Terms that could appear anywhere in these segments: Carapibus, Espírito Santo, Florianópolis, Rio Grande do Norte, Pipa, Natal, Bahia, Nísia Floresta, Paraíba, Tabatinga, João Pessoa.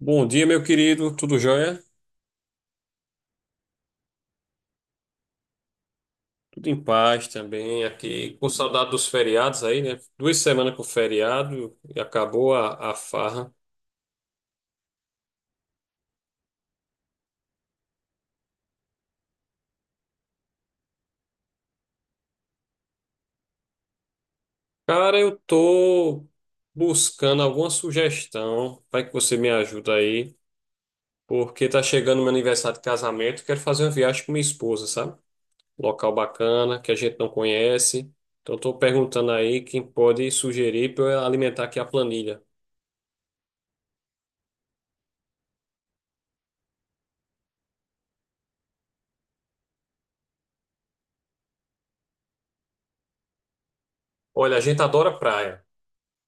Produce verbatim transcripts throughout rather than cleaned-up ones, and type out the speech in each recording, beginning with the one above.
Bom dia, meu querido. Tudo jóia? Tudo em paz também aqui. Com saudade dos feriados aí, né? Duas semanas com feriado e acabou a, a farra. Cara, eu tô buscando alguma sugestão. Vai que você me ajuda aí. Porque tá chegando meu aniversário de casamento. Quero fazer uma viagem com minha esposa, sabe? Local bacana, que a gente não conhece. Então tô perguntando aí quem pode sugerir para eu alimentar aqui a planilha. Olha, a gente adora praia.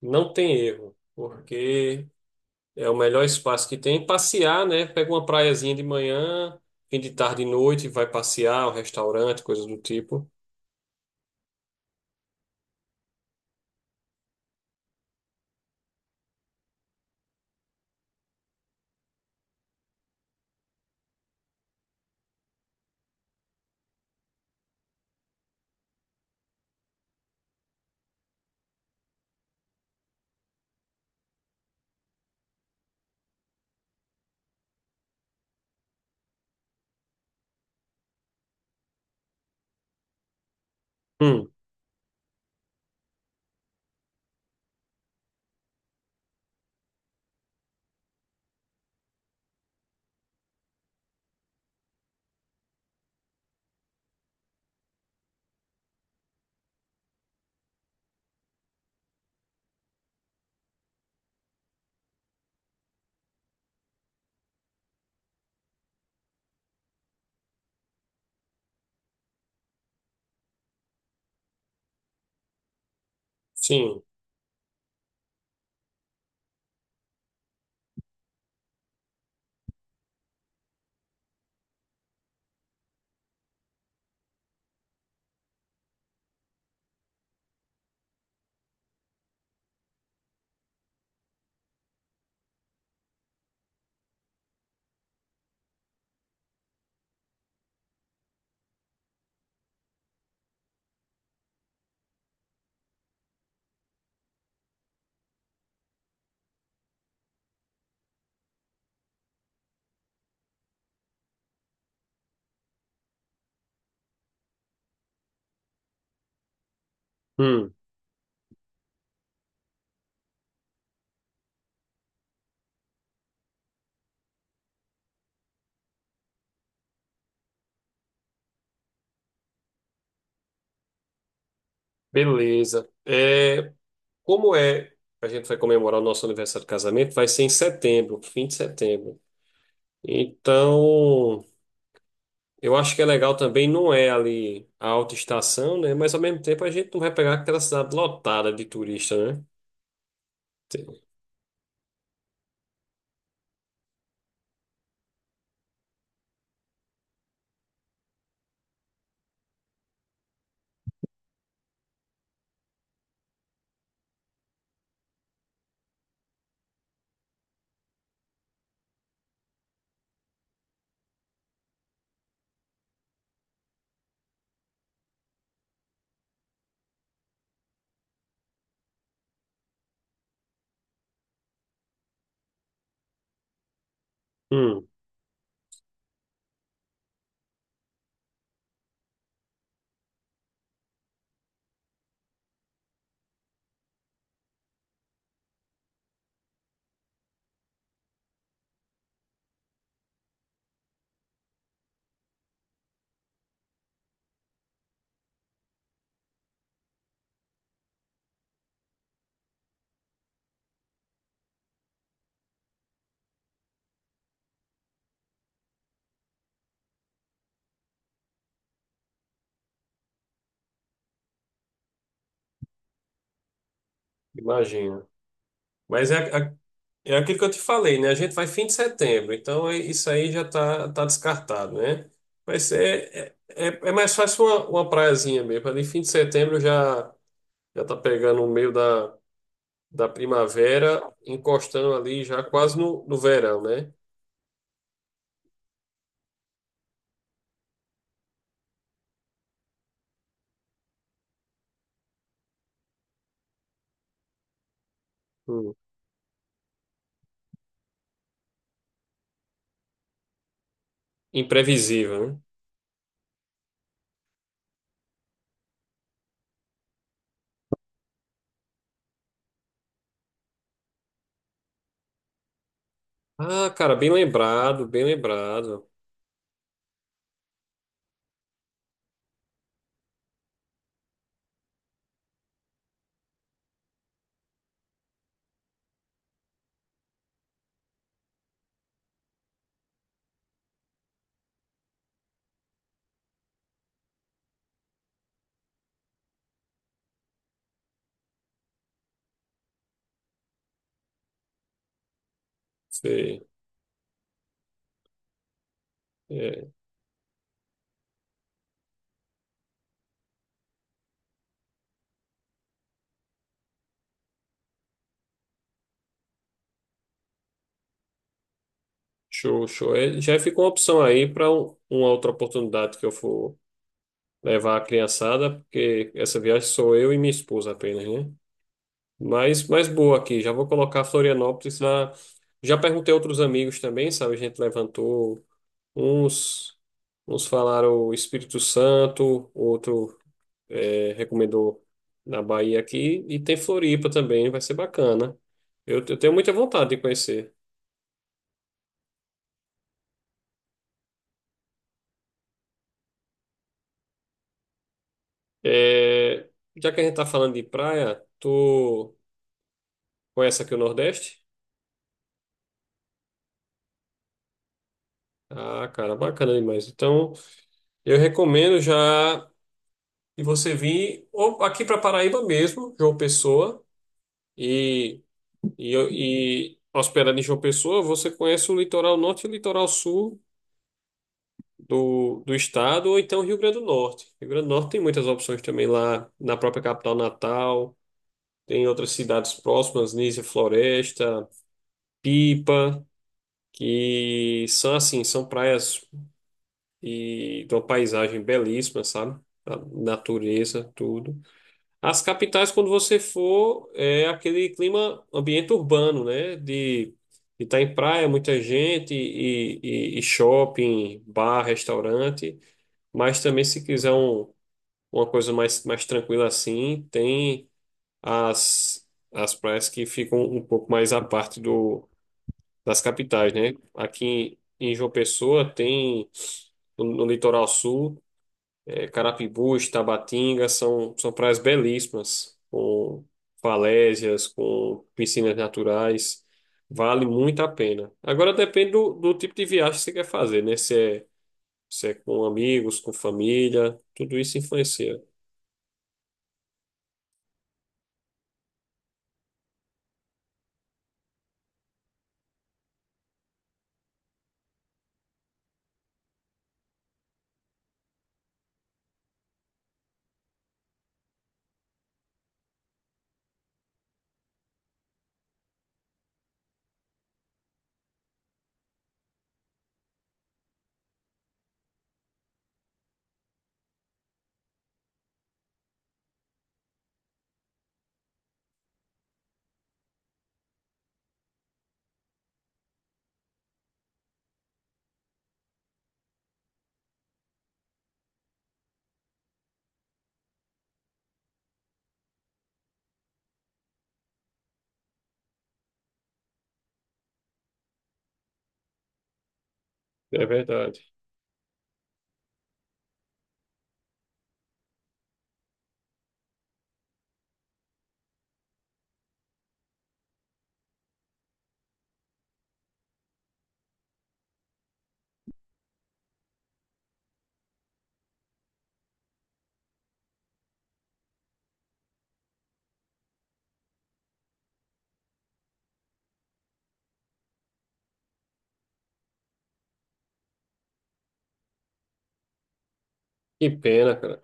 Não tem erro. Porque é o melhor espaço que tem. Passear, né? Pega uma praiazinha de manhã, fim de tarde e noite, vai passear, um restaurante, coisas do tipo. Hum, sim. Hum, beleza. É, como é? A gente vai comemorar o nosso aniversário de casamento, vai ser em setembro, fim de setembro. Então, eu acho que é legal também, não é ali a alta estação, né? Mas ao mesmo tempo a gente não vai pegar aquela cidade lotada de turista, né? Hum, imagina. Mas é, é aquilo que eu te falei, né? A gente vai fim de setembro, então é- isso aí já tá, tá descartado, né? Mas é, é, é é mais fácil uma, uma praiazinha mesmo. Ali fim de setembro já, já tá pegando o meio da, da primavera, encostando ali já quase no, no verão, né? Hum. Imprevisível, né? Ah, cara, bem lembrado, bem lembrado. Sei. É, show, show. É, já fica uma opção aí para uma outra oportunidade que eu for levar a criançada, porque essa viagem sou eu e minha esposa apenas, né? Mas, mas boa aqui, já vou colocar Florianópolis na. Já perguntei a outros amigos também, sabe? A gente levantou uns, uns falaram Espírito Santo, outro eh, recomendou na Bahia aqui, e tem Floripa também, vai ser bacana. Eu, eu tenho muita vontade de conhecer. Eh, Já que a gente tá falando de praia, tu conhece aqui o Nordeste? Ah, cara, bacana demais. Então, eu recomendo já que você vir ou aqui para Paraíba mesmo, João Pessoa, e, e, e hospedado em João Pessoa, você conhece o litoral norte e o litoral sul do, do estado, ou então Rio Grande do Norte. Rio Grande do Norte tem muitas opções também lá na própria capital Natal, tem outras cidades próximas, Nísia Floresta, Pipa, que são assim, são praias e de uma paisagem belíssima, sabe? A natureza, tudo. As capitais, quando você for, é aquele clima, ambiente urbano, né? De estar em praia, muita gente, e, e- e shopping, bar, restaurante. Mas também, se quiser um, uma coisa mais, mais tranquila assim, tem as, as praias que ficam um pouco mais à parte do, das capitais, né? Aqui em João Pessoa tem no, no litoral sul. É, Carapibus, Tabatinga são, são praias belíssimas, com falésias, com piscinas naturais. Vale muito a pena. Agora depende do, do tipo de viagem que você quer fazer, né? Se é, se é com amigos, com família, tudo isso influencia. É verdade. Que pena, cara.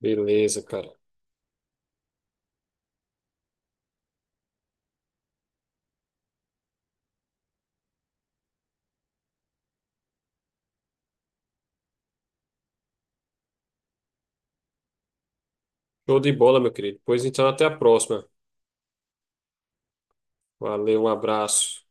Beleza, cara. Show de bola, meu querido. Pois então, até a próxima. Valeu, um abraço.